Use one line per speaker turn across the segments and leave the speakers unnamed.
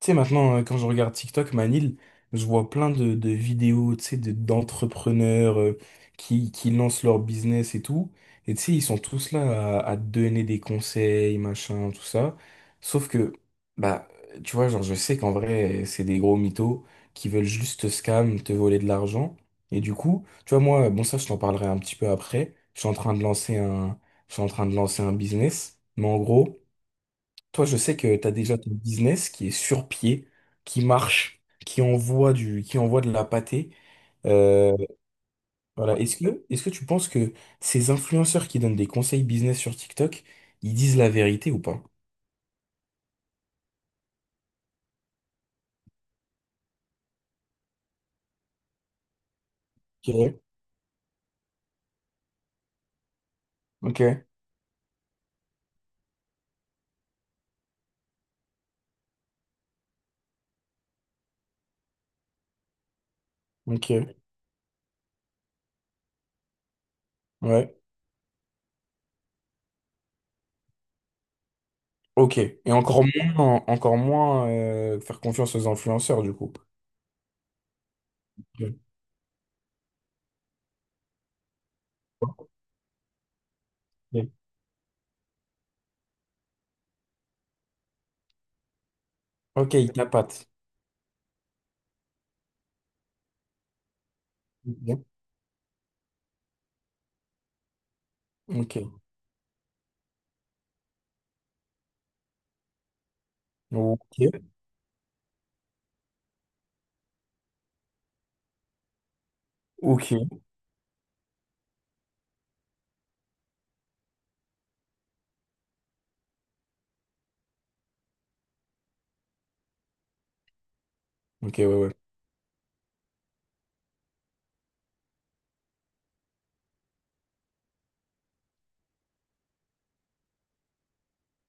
Tu sais, maintenant, quand je regarde TikTok, Manil, je vois plein de vidéos, tu sais, d'entrepreneurs qui lancent leur business et tout. Et tu sais, ils sont tous là à te donner des conseils, machin, tout ça. Sauf que, bah, tu vois, genre, je sais qu'en vrai, c'est des gros mythos qui veulent juste te scam, te voler de l'argent. Et du coup, tu vois, moi, bon, ça, je t'en parlerai un petit peu après. Je suis en train de lancer un business. Mais en gros, toi, je sais que tu as déjà ton business qui est sur pied, qui marche, qui envoie de la pâtée. Euh, voilà. Est-ce que tu penses que ces influenceurs qui donnent des conseils business sur TikTok, ils disent la vérité ou pas? Ok, ok, ok, ouais, ok. Et encore moins faire confiance aux influenceurs du coup. Ok, ok, ils tapatent. Ok, ok, ok, ok, ouais, ouais.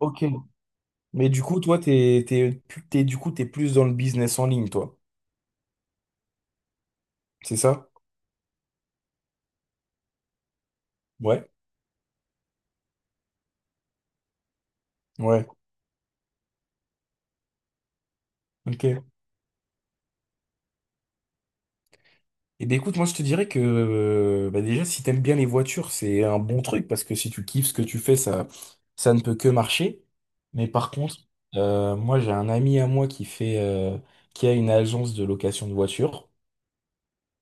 Ok. Mais du coup, toi, t'es, t'es, pu- t'es- du coup, t'es plus dans le business en ligne, toi. C'est ça? Ouais. Ouais. Ok. Et ben écoute, moi, je te dirais que bah, déjà, si t'aimes bien les voitures, c'est un bon truc parce que si tu kiffes ce que tu fais, ça ne peut que marcher. Mais par contre, moi, j'ai un ami à moi qui fait, qui a une agence de location de voitures.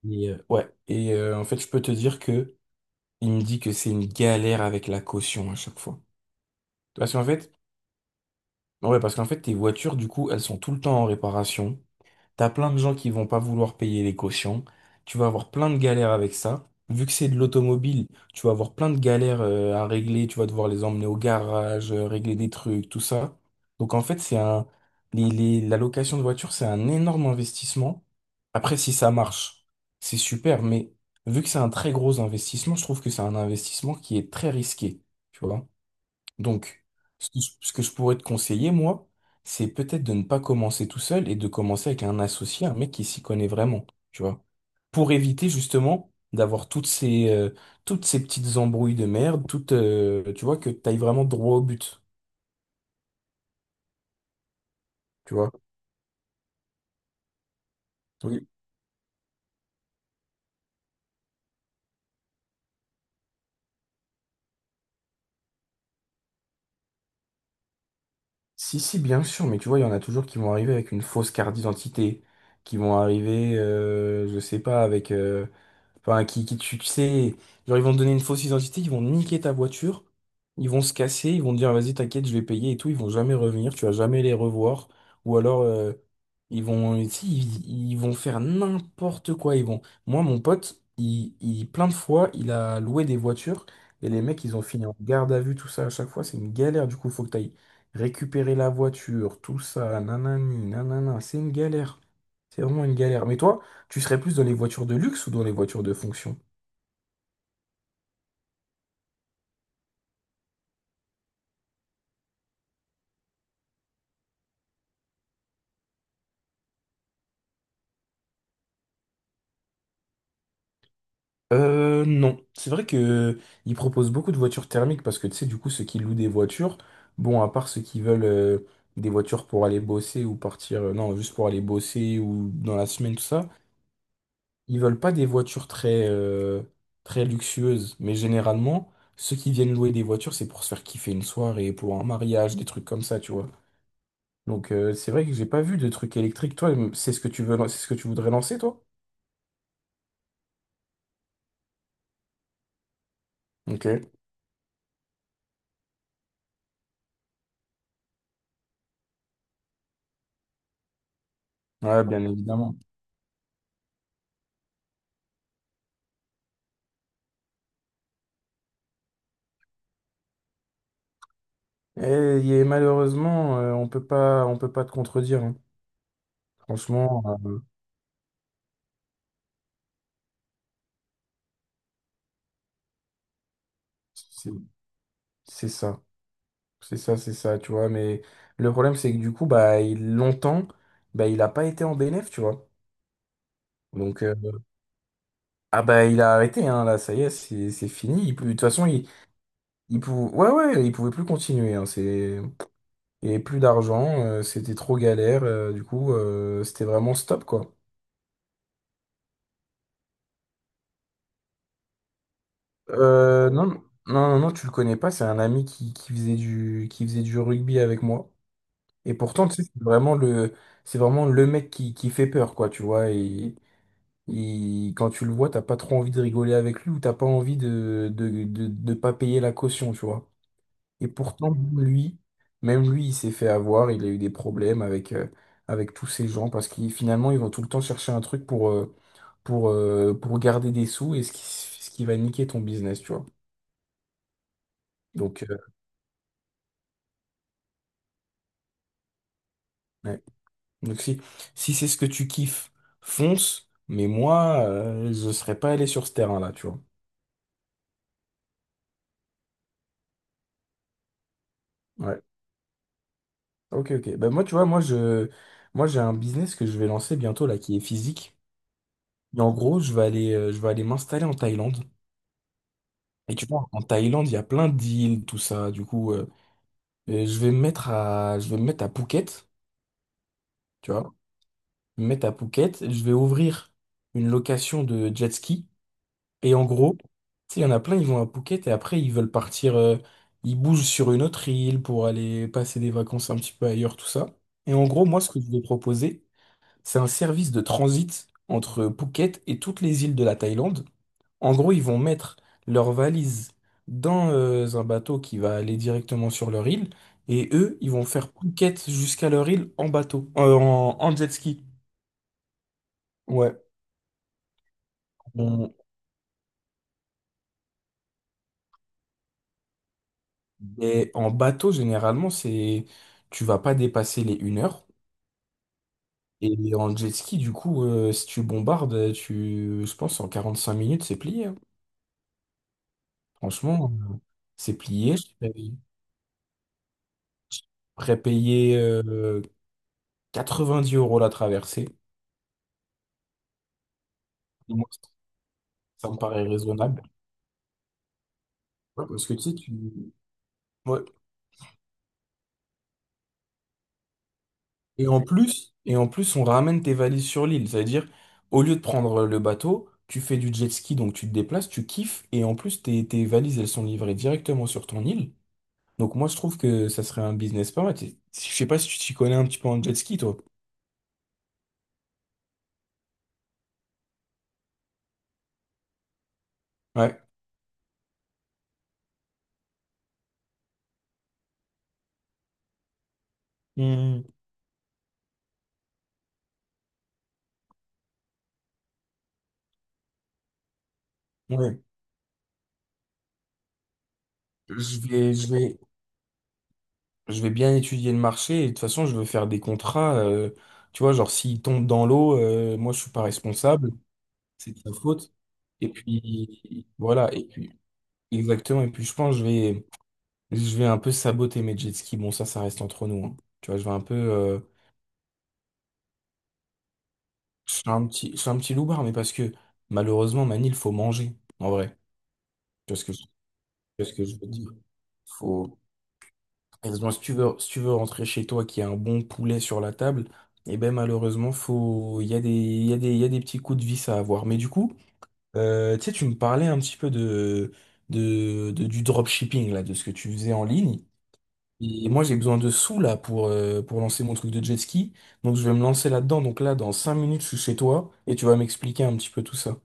Et, ouais. Et en fait, je peux te dire que il me dit que c'est une galère avec la caution à chaque fois. Parce qu'en fait, ouais, parce qu'en fait, tes voitures, du coup, elles sont tout le temps en réparation. T'as plein de gens qui vont pas vouloir payer les cautions. Tu vas avoir plein de galères avec ça. Vu que c'est de l'automobile, tu vas avoir plein de galères à régler. Tu vas devoir les emmener au garage, régler des trucs, tout ça. Donc en fait, c'est un... la location de voiture, c'est un énorme investissement. Après, si ça marche, c'est super. Mais vu que c'est un très gros investissement, je trouve que c'est un investissement qui est très risqué. Tu vois? Donc, ce que je pourrais te conseiller, moi, c'est peut-être de ne pas commencer tout seul et de commencer avec un associé, un mec qui s'y connaît vraiment, tu vois. Pour éviter justement d'avoir toutes ces petites embrouilles de merde, tu vois, que tu ailles vraiment droit au but, tu vois. Oui. Si, si, bien sûr, mais tu vois, il y en a toujours qui vont arriver avec une fausse carte d'identité, qui vont arriver, je sais pas, avec... enfin, tu sais, genre ils vont te donner une fausse identité, ils vont niquer ta voiture, ils vont se casser, ils vont te dire vas-y t'inquiète, je vais payer et tout, ils vont jamais revenir, tu vas jamais les revoir. Ou alors ils vont si, ils vont faire n'importe quoi, ils vont. Moi mon pote, il plein de fois, il a loué des voitures et les mecs ils ont fini en garde à vue, tout ça à chaque fois, c'est une galère du coup, faut que t'ailles récupérer la voiture, tout ça, nanani, nanana, c'est une galère. C'est vraiment une galère. Mais toi, tu serais plus dans les voitures de luxe ou dans les voitures de fonction? Non. C'est vrai que ils proposent beaucoup de voitures thermiques parce que tu sais, du coup, ceux qui louent des voitures, bon, à part ceux qui veulent des voitures pour aller bosser ou partir, non, juste pour aller bosser ou dans la semaine, tout ça, ils veulent pas des voitures très luxueuses. Mais généralement, ceux qui viennent louer des voitures, c'est pour se faire kiffer une soirée, pour un mariage, des trucs comme ça, tu vois. Donc, c'est vrai que j'ai pas vu de trucs électriques. Toi, c'est ce que tu voudrais lancer, toi? Ok, ouais, bien évidemment. Et, il malheureusement, on peut pas te contredire, hein. Franchement, c'est c'est ça, c'est ça, tu vois. Mais le problème, c'est que du coup, bah, il, longtemps, bah, il a pas été en bénéf, tu vois. Donc, ah bah, il a arrêté, hein, là, ça y est, c'est fini. Il, peut- de toute façon, il pouvait, ouais, ouais, il pouvait plus continuer. Hein, c'est, il y avait plus d'argent, c'était trop galère. Du coup, c'était vraiment stop, quoi. Euh, non, non, tu le connais pas. C'est un ami qui faisait du rugby avec moi. Et pourtant, tu sais, c'est vraiment le mec qui fait peur, quoi, tu vois. Et quand tu le vois, t'as pas trop envie de rigoler avec lui ou t'as pas envie de, de pas payer la caution, tu vois. Et pourtant, lui, même lui, il s'est fait avoir. Il a eu des problèmes avec, avec tous ces gens parce qu'ils, finalement, ils vont tout le temps chercher un truc pour garder des sous et ce qui va niquer ton business, tu vois. Donc, ouais. Donc si, si c'est ce que tu kiffes, fonce. Mais moi, je serais pas allé sur ce terrain-là, tu vois. Ouais. Ok, ok. Bah moi, tu vois, moi j'ai un business que je vais lancer bientôt là, qui est physique. Et en gros, je vais aller m'installer en Thaïlande. Et tu vois, en Thaïlande, il y a plein d'îles, tout ça. Du coup, je vais me mettre à Phuket, tu vois. Me mettre à Phuket. Je vais ouvrir une location de jet ski. Et en gros, tu sais, il y en a plein, ils vont à Phuket et après, ils veulent partir, ils bougent sur une autre île pour aller passer des vacances un petit peu ailleurs, tout ça. Et en gros, moi, ce que je vais proposer, c'est un service de transit entre Phuket et toutes les îles de la Thaïlande. En gros, ils vont mettre leurs valises dans, un bateau qui va aller directement sur leur île et eux, ils vont faire Phuket jusqu'à leur île en bateau, en, en jet ski. Ouais. Et en bateau, généralement, c'est tu vas pas dépasser les une heure. Et en jet ski, du coup, si tu bombardes, tu... je pense en 45 minutes, c'est plié, hein. Franchement, c'est plié. Je paye- Prépayé 90 € la traversée. Moi, ça me paraît raisonnable. Ouais, parce que tu sais, tu... ouais, et en plus, et en plus, on ramène tes valises sur l'île. C'est-à-dire, au lieu de prendre le bateau, tu fais du jet ski, donc tu te déplaces, tu kiffes, et en plus, tes valises, elles sont livrées directement sur ton île. Donc moi, je trouve que ça serait un business pas mal. T'es- Je sais pas si tu t'y connais un petit peu en jet ski, toi. Ouais. Hmm, ouais. Je vais, je vais, je vais bien étudier le marché, et de toute façon, je veux faire des contrats. Tu vois, genre, s'ils tombent dans l'eau, moi, je suis pas responsable, c'est de sa faute. Et puis, voilà. Et puis, exactement, et puis je pense que je vais un peu saboter mes jet skis. Bon, ça reste entre nous, hein. Tu vois, je vais un peu. Je suis un petit loubard, mais parce que malheureusement, Manil, il faut manger, en vrai. Tu vois ce que je, tu vois ce que je veux dire? Faut... Malheureusement, si tu veux, si tu veux rentrer chez toi, qu'il y a un bon poulet sur la table, et ben malheureusement, faut... il y a des petits coups de vis à avoir. Mais du coup, tu sais, tu me parlais un petit peu du dropshipping, là, de ce que tu faisais en ligne. Et moi, j'ai besoin de sous là pour lancer mon truc de jet ski. Donc, je vais me lancer là-dedans. Donc, là, dans 5 minutes, je suis chez toi et tu vas m'expliquer un petit peu tout ça.